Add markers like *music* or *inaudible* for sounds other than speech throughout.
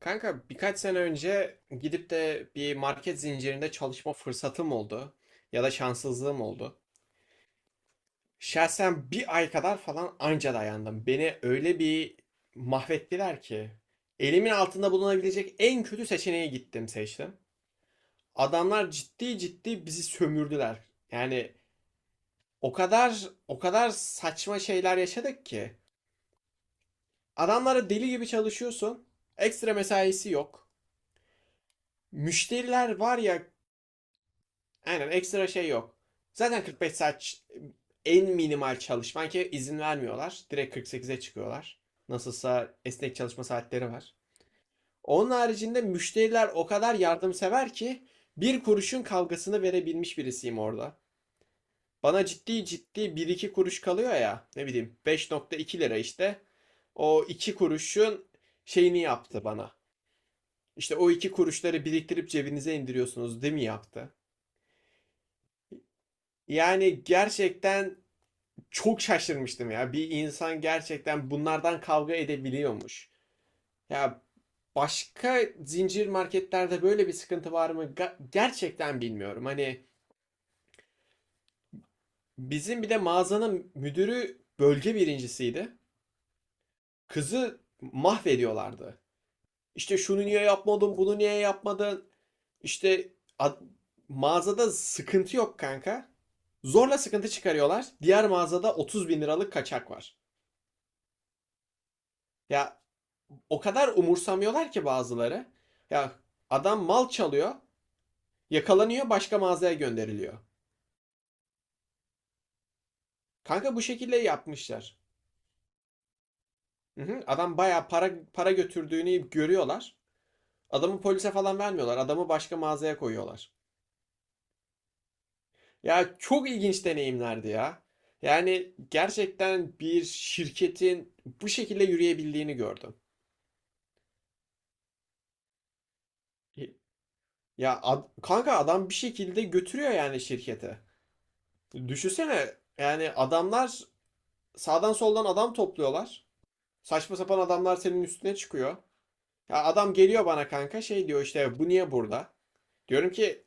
Kanka birkaç sene önce gidip de bir market zincirinde çalışma fırsatım oldu ya da şanssızlığım oldu. Şahsen bir ay kadar falan anca dayandım. Beni öyle bir mahvettiler ki elimin altında bulunabilecek en kötü seçeneğe gittim seçtim. Adamlar ciddi ciddi bizi sömürdüler. Yani o kadar saçma şeyler yaşadık ki adamlara deli gibi çalışıyorsun. Ekstra mesaisi yok. Müşteriler var ya. Aynen ekstra şey yok. Zaten 45 saat en minimal çalışman ki izin vermiyorlar. Direkt 48'e çıkıyorlar. Nasılsa esnek çalışma saatleri var. Onun haricinde müşteriler o kadar yardımsever ki bir kuruşun kavgasını verebilmiş birisiyim orada. Bana ciddi ciddi bir iki kuruş kalıyor ya, ne bileyim, 5,2 lira işte. O 2 kuruşun şeyini yaptı bana. İşte o 2 kuruşları biriktirip cebinize indiriyorsunuz değil mi yaptı? Yani gerçekten çok şaşırmıştım ya. Bir insan gerçekten bunlardan kavga edebiliyormuş. Ya başka zincir marketlerde böyle bir sıkıntı var mı? Gerçekten bilmiyorum. Hani bizim bir de mağazanın müdürü bölge birincisiydi. Kızı mahvediyorlardı. İşte şunu niye yapmadın, bunu niye yapmadın? İşte ad- mağazada sıkıntı yok kanka. Zorla sıkıntı çıkarıyorlar. Diğer mağazada 30 bin liralık kaçak var. Ya o kadar umursamıyorlar ki bazıları. Ya adam mal çalıyor, yakalanıyor, başka mağazaya gönderiliyor. Kanka bu şekilde yapmışlar. Hı hı, adam bayağı para para götürdüğünü görüyorlar. Adamı polise falan vermiyorlar. Adamı başka mağazaya koyuyorlar. Ya çok ilginç deneyimlerdi ya. Yani gerçekten bir şirketin bu şekilde yürüyebildiğini gördüm. Ya kanka adam bir şekilde götürüyor yani şirketi. Düşünsene yani adamlar sağdan soldan adam topluyorlar. Saçma sapan adamlar senin üstüne çıkıyor. Ya adam geliyor bana kanka şey diyor işte, bu niye burada? Diyorum ki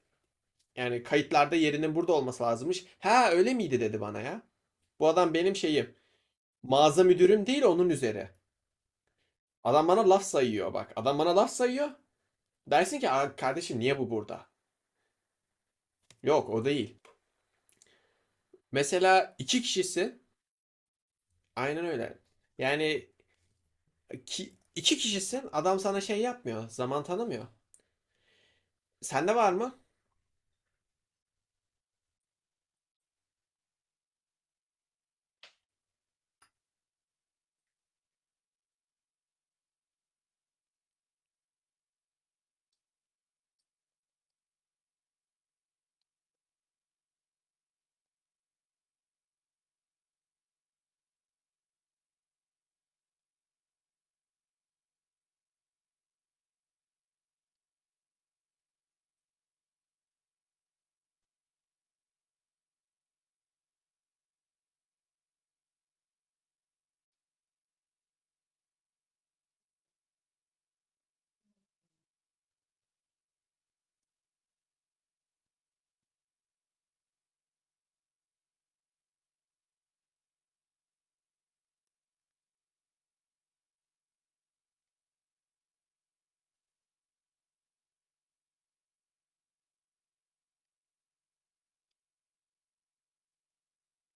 yani kayıtlarda yerinin burada olması lazımmış. Ha öyle miydi dedi bana ya. Bu adam benim şeyim. Mağaza müdürüm değil, onun üzeri. Adam bana laf sayıyor bak. Adam bana laf sayıyor. Dersin ki kardeşim niye bu burada? Yok o değil. Mesela iki kişisin. Aynen öyle. Yani iki kişisin. Adam sana şey yapmıyor. Zaman tanımıyor. Sende var mı?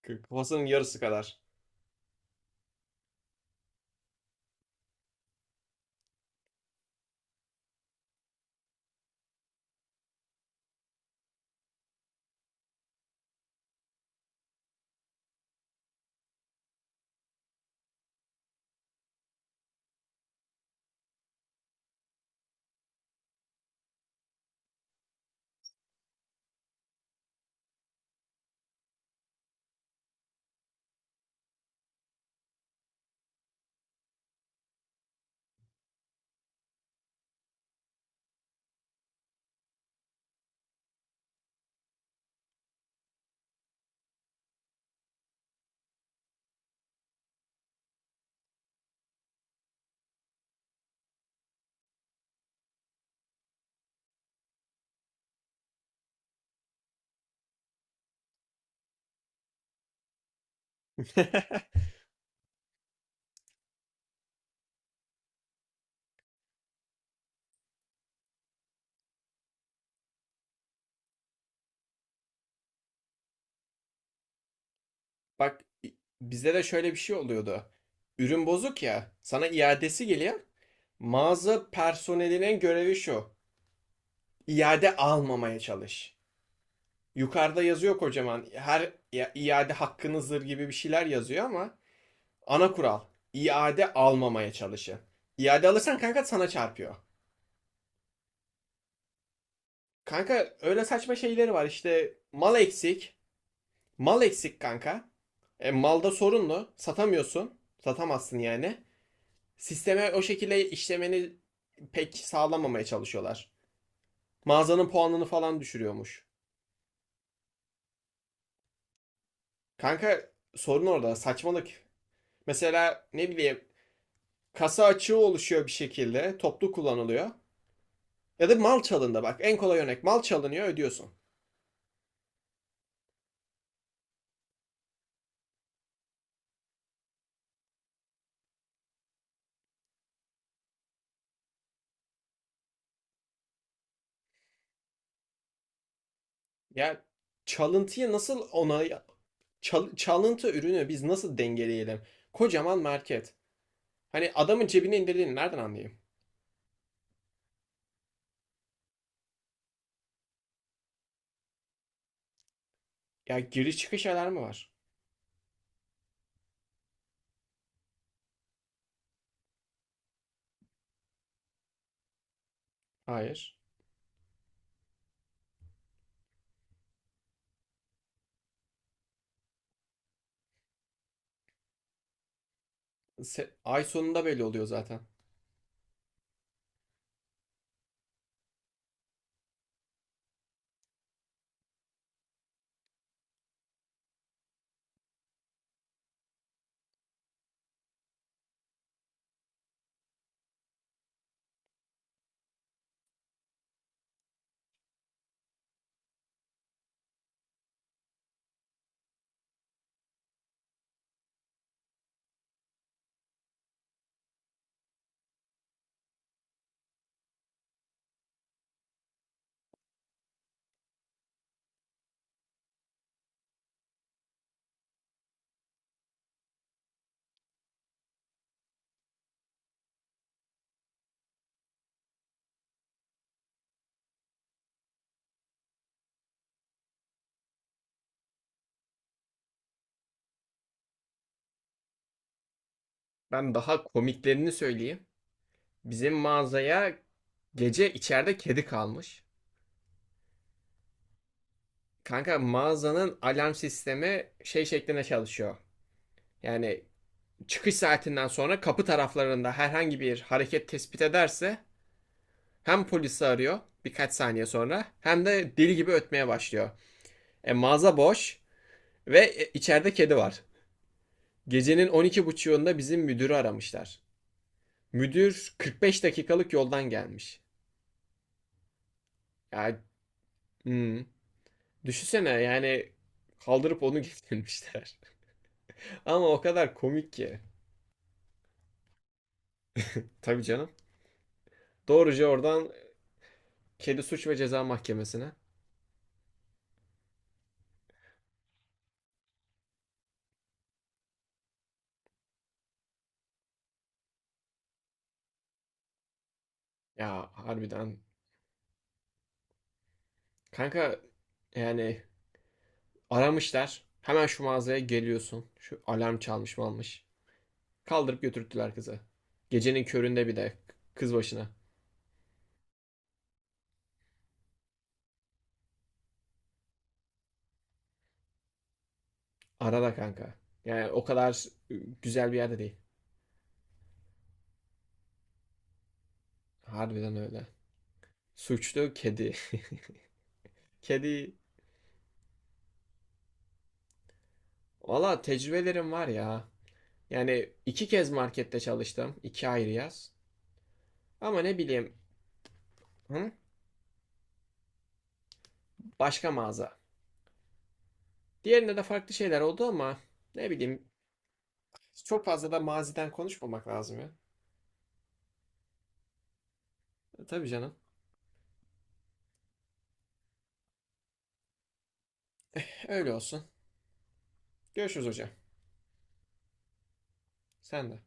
Kafasının yarısı kadar. *laughs* Bak bizde de şöyle bir şey oluyordu. Ürün bozuk ya, sana iadesi geliyor. Mağaza personelinin görevi şu. İade almamaya çalış. Yukarıda yazıyor kocaman. Her iade hakkınızdır gibi bir şeyler yazıyor ama ana kural, İade almamaya çalışın. İade alırsan kanka sana çarpıyor. Kanka öyle saçma şeyleri var işte, mal eksik. Mal eksik kanka. E, malda sorunlu. Satamıyorsun. Satamazsın yani. Sisteme o şekilde işlemeni pek sağlamamaya çalışıyorlar. Mağazanın puanını falan düşürüyormuş. Kanka sorun orada. Saçmalık. Mesela ne bileyim, kasa açığı oluşuyor bir şekilde. Toplu kullanılıyor. Ya da mal çalındı bak. En kolay örnek, mal çalınıyor ödüyorsun. Ya çalıntıyı nasıl ona çalıntı ürünü biz nasıl dengeleyelim? Kocaman market. Hani adamın cebine indirdiğini nereden anlayayım? Ya giriş çıkış alarmı var. Hayır. Ay sonunda belli oluyor zaten. Ben daha komiklerini söyleyeyim. Bizim mağazaya gece içeride kedi kalmış. Kanka mağazanın alarm sistemi şey şeklinde çalışıyor. Yani çıkış saatinden sonra kapı taraflarında herhangi bir hareket tespit ederse hem polisi arıyor birkaç saniye sonra hem de deli gibi ötmeye başlıyor. E, mağaza boş ve içeride kedi var. Gecenin 12.30'unda bizim müdürü aramışlar. Müdür 45 dakikalık yoldan gelmiş. Ya hmm, düşünsene yani kaldırıp onu getirmişler. *laughs* Ama o kadar komik ki. Tabii canım. Doğruca oradan Kedi Suç ve Ceza Mahkemesi'ne. Ya harbiden. Kanka yani aramışlar. Hemen şu mağazaya geliyorsun. Şu alarm çalmış mı almış. Kaldırıp götürttüler kızı. Gecenin köründe bir de kız başına. Arada kanka. Yani o kadar güzel bir yerde değil. Harbiden öyle. Suçlu kedi. *laughs* Kedi. Valla tecrübelerim var ya. Yani iki kez markette çalıştım. İki ayrı yaz. Ama ne bileyim. Hı? Başka mağaza. Diğerinde de farklı şeyler oldu ama ne bileyim. Çok fazla da maziden konuşmamak lazım ya. E, tabii canım. Öyle olsun. Görüşürüz hocam. Sen de.